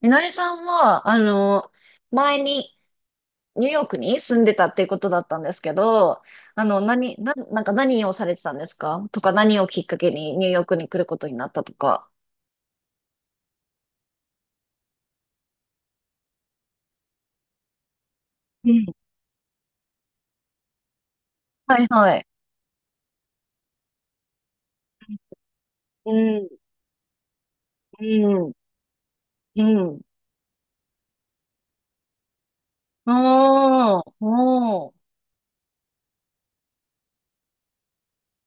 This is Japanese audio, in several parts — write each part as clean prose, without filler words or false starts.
みのりさんは、前にニューヨークに住んでたっていうことだったんですけど、なんか何をされてたんですかとか何をきっかけにニューヨークに来ることになったとか。うん、はいはい。うん、うん、うん。おー、おー、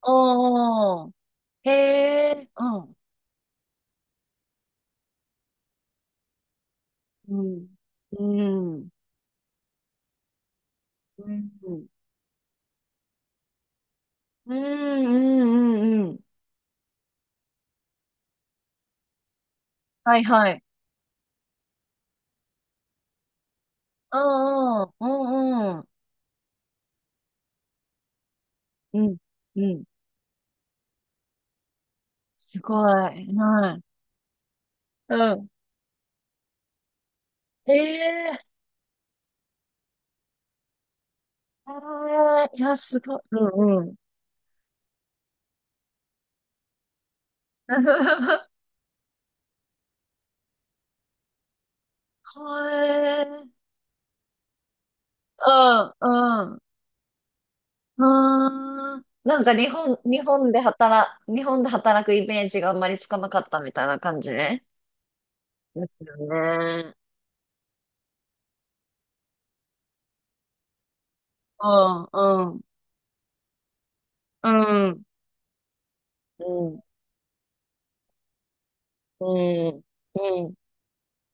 おー。へえ、うん、うん、うん、うん、うん、うん、うん。うんはいはい。うん、うん、うん、うん、うん、すごい。はい。うん。ええーえーいや、すごい。うんうん。はい。うん、うん。うーん。なんか日本で働くイメージがあんまりつかなかったみたいな感じね。ですよね。うん、うん、うん、うん、うん、うん。うん、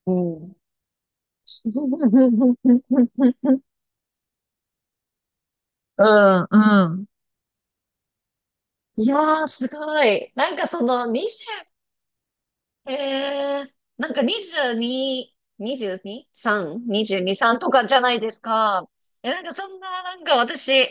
うん。うん。いやー、すごい。なんかそのェ5へえ、なんか22、22、3、22、3とかじゃないですか。え、なんかそんな、なんか私、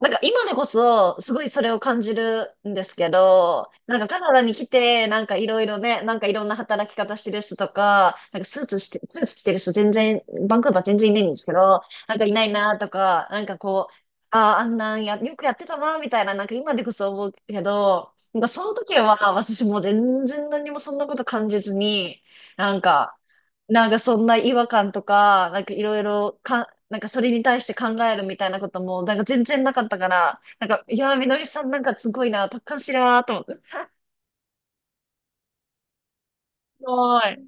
なんか今でこそ、すごいそれを感じるんですけど、なんかカナダに来て、なんかいろいろね、なんかいろんな働き方してる人とか、スーツ着てる人全然、バンクーバー全然いないんですけど、なんかいないなとか、なんかこう、ああ、あんなんや、よくやってたなみたいな、なんか今でこそ思うけど、なんかその時は私もう全然何もそんなこと感じずに、なんか、なんかそんな違和感とか、なんかいろいろか、なんかそれに対して考えるみたいなことも、なんか全然なかったから、なんか、いやー、みのりさんなんかすごいな、達観してるなーと思って。すごい。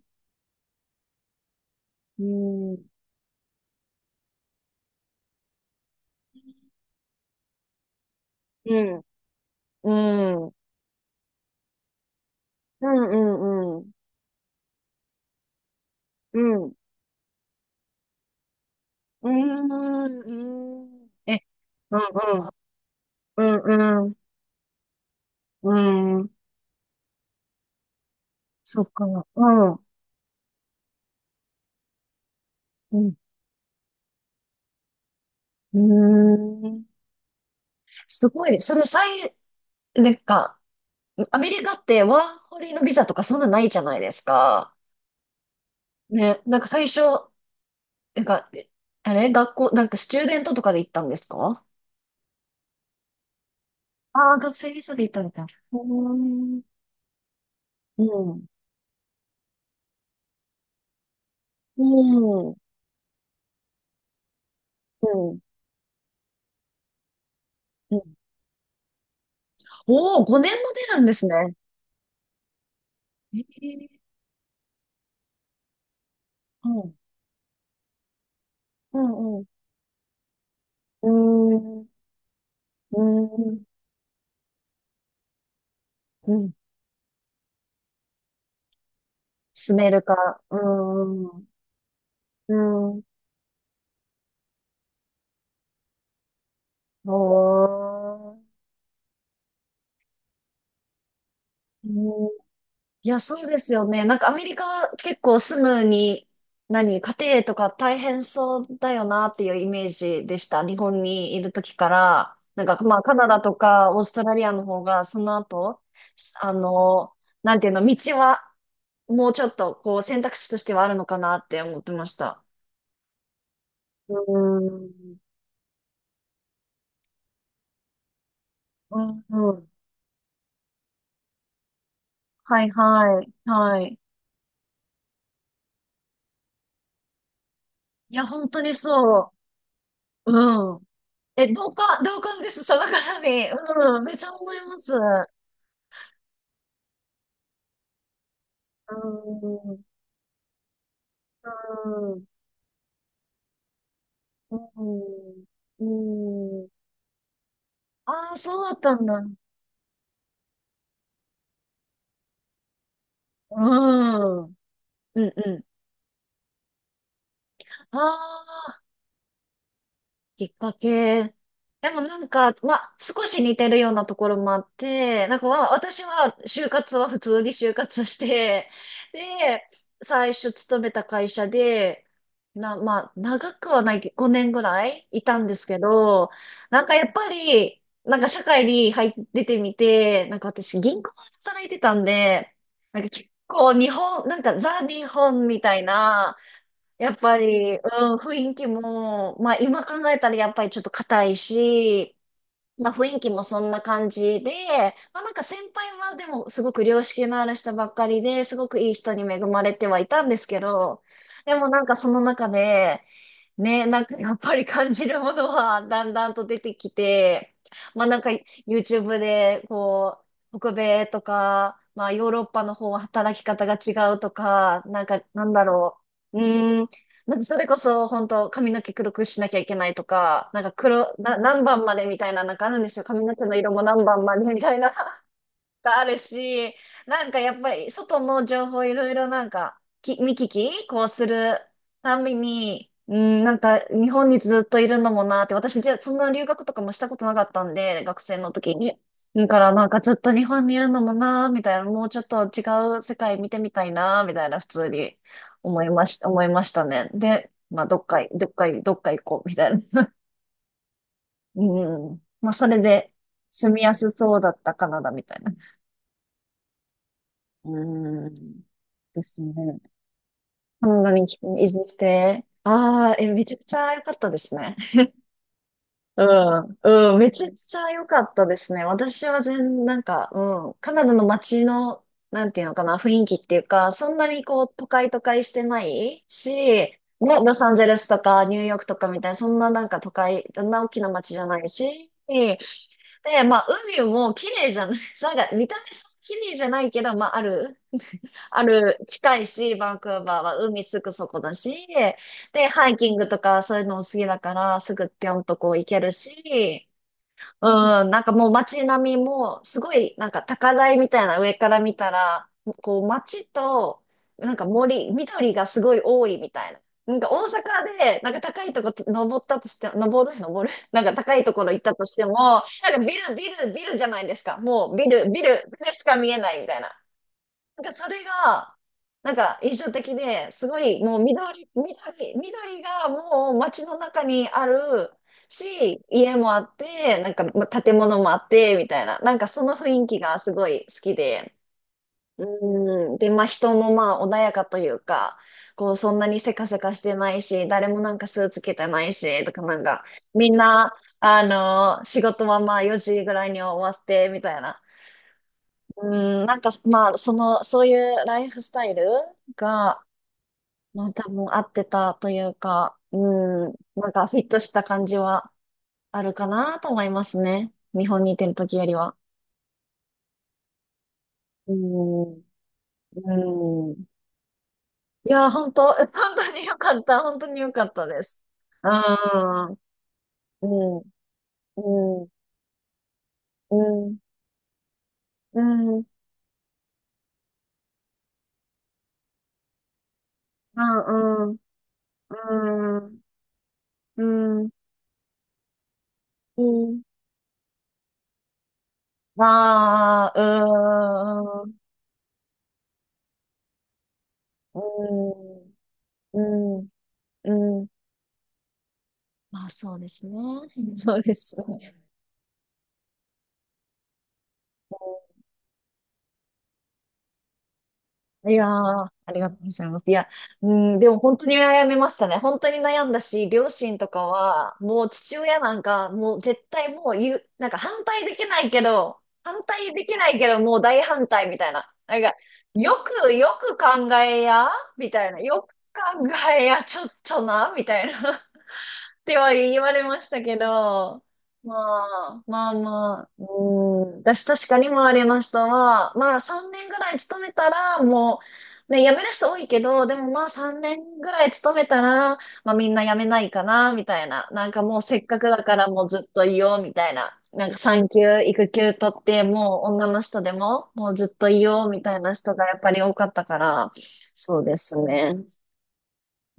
うん。うん。うん。うんうんうん。うん。うん。うん。え、うんうん。うんうん。うんえうんうんうんうんうんそっか。うん。うん。うん。すごい。その最、なんか、アメリカってワーホリのビザとかそんなないじゃないですか。ね、なんか最初、なんか、あれ学校、なんかスチューデントとかで行ったんですかああー、学生ビザで行ったみたいな。うーん。うん。うん。うん。うんおおー、5年も出るんですね。ええうん。うん。うん。うーん。うーん。うん。住めるか。うーん。うん。おー。いや、そうですよね。なんかアメリカは結構住むに、何、家庭とか大変そうだよなっていうイメージでした。日本にいる時から。なんかまあカナダとかオーストラリアの方がその後、あの、なんていうの、道はもうちょっとこう選択肢としてはあるのかなって思ってました。うーん。うんうん。はいはい。はい。いや、本当にそう。うん。え、同感です。その方に。うん。めっちゃ思います。あーあーうん、うん。ああ、そうだったんだ。うん。うん、うん。あきっかけ。でもなんか、まあ、少し似てるようなところもあって、なんかまあ、私は就活は普通に就活して、で、最初勤めた会社で、まあ、長くはないけど、5年ぐらいいたんですけど、なんかやっぱり、なんか社会に入って出てみて、なんか私銀行で働いてたんで、なんか結構なんかザ・日本みたいな、やっぱり、うん、雰囲気も、まあ今考えたらやっぱりちょっと硬いし、まあ雰囲気もそんな感じで、まあなんか先輩はでもすごく良識のある人ばっかりで、すごくいい人に恵まれてはいたんですけど、でもなんかその中で、ね、なんかやっぱり感じるものはだんだんと出てきて、まあなんか YouTube でこう、北米とか、まあヨーロッパの方は働き方が違うとか、なんかなんだろう、うーん、なんかそれこそ本当髪の毛黒くしなきゃいけないとか、なんか何番までみたいななんかあるんですよ。髪の毛の色も何番までみたいな。があるし、なんかやっぱり外の情報いろいろなんか見聞きこうするたんびに、うん、なんか日本にずっといるのもなって、私じゃそんな留学とかもしたことなかったんで、学生の時に。だからなんかずっと日本にいるのもなみたいな、もうちょっと違う世界見てみたいなみたいな普通に思いましたね。で、まあどっか行こうみたいな。うん。まあそれで住みやすそうだったカナダみたいな。うーん。ですね。カナダに移住して、ああ、めちゃくちゃ良かったですね。うん、うん、めちゃくちゃ良かったですね。私はなんか、うん、カナダの街の、なんていうのかな、雰囲気っていうか、そんなにこう、都会都会してないし、ね、ロサンゼルスとかニューヨークとかみたいな、そんななんか都会、そんな大きな街じゃないし、で、まあ、海も綺麗じゃない、なんか見た目そんな綺麗じゃないけど、まあ、あるある、近いし、バンクーバーは海すぐそこだし、で、ハイキングとかそういうのも好きだから、すぐぴょんとこう行けるし、うん、なんかもう街並みも、すごいなんか高台みたいな上から見たら、こう街と、なんか森、緑がすごい多いみたいな。なんか大阪で、なんか高いとこ登ったとして、登る、登る、なんか高いところ行ったとしても、なんかビル、ビル、ビルじゃないですか。もうビル、ビル、ビルしか見えないみたいな。なんかそれが、なんか印象的で、すごいもう緑、緑、緑がもう街の中にあるし、家もあって、なんか建物もあって、みたいな、なんかその雰囲気がすごい好きで、うん、で、まあ人もまあ穏やかというか、こうそんなにせかせかしてないし、誰もなんかスーツ着てないし、とかなんか、みんな、仕事はまあ4時ぐらいに終わって、みたいな。うん、なんか、まあ、そういうライフスタイルが、まあ、多分合ってたというか、うん、なんかフィットした感じはあるかなと思いますね。日本にいてる時よりは。うん、うん。いや、本当、本当に良かった。本当に良かったです。うん、うん、うん、うん、うん、うん、うん、うん、うん、ああ、うーん、うーん。うん、うん。まあそうですね。うんそうですね。うんいやー、ありがとうございます。いや、うん、でも本当に悩みましたね。本当に悩んだし、両親とかは、もう父親なんか、もう絶対もう言う、なんか反対できないけど、反対できないけど、もう大反対みたいな。なんか、よく考えや、みたいな。よく考えや、ちょっとな、みたいな。ては言われましたけど、まあ、まあまあ、うん、私確かに周りの人は、まあ3年ぐらい勤めたら、もう、ね、辞める人多いけど、でもまあ3年ぐらい勤めたら、まあみんな辞めないかな、みたいな。なんかもうせっかくだからもうずっといよう、みたいな。なんか産休、育休取って、もう女の人でも、もうずっといよう、みたいな人がやっぱり多かったから、そうですね。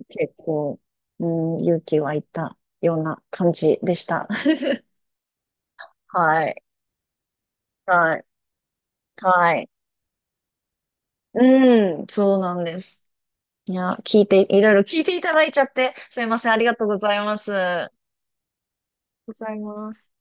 結構、うん、勇気湧いたような感じでした。はい。はい。はい。うん、そうなんです。いや、聞いて、いろいろ聞いていただいちゃって、すいません。ありがとうございます。ございます。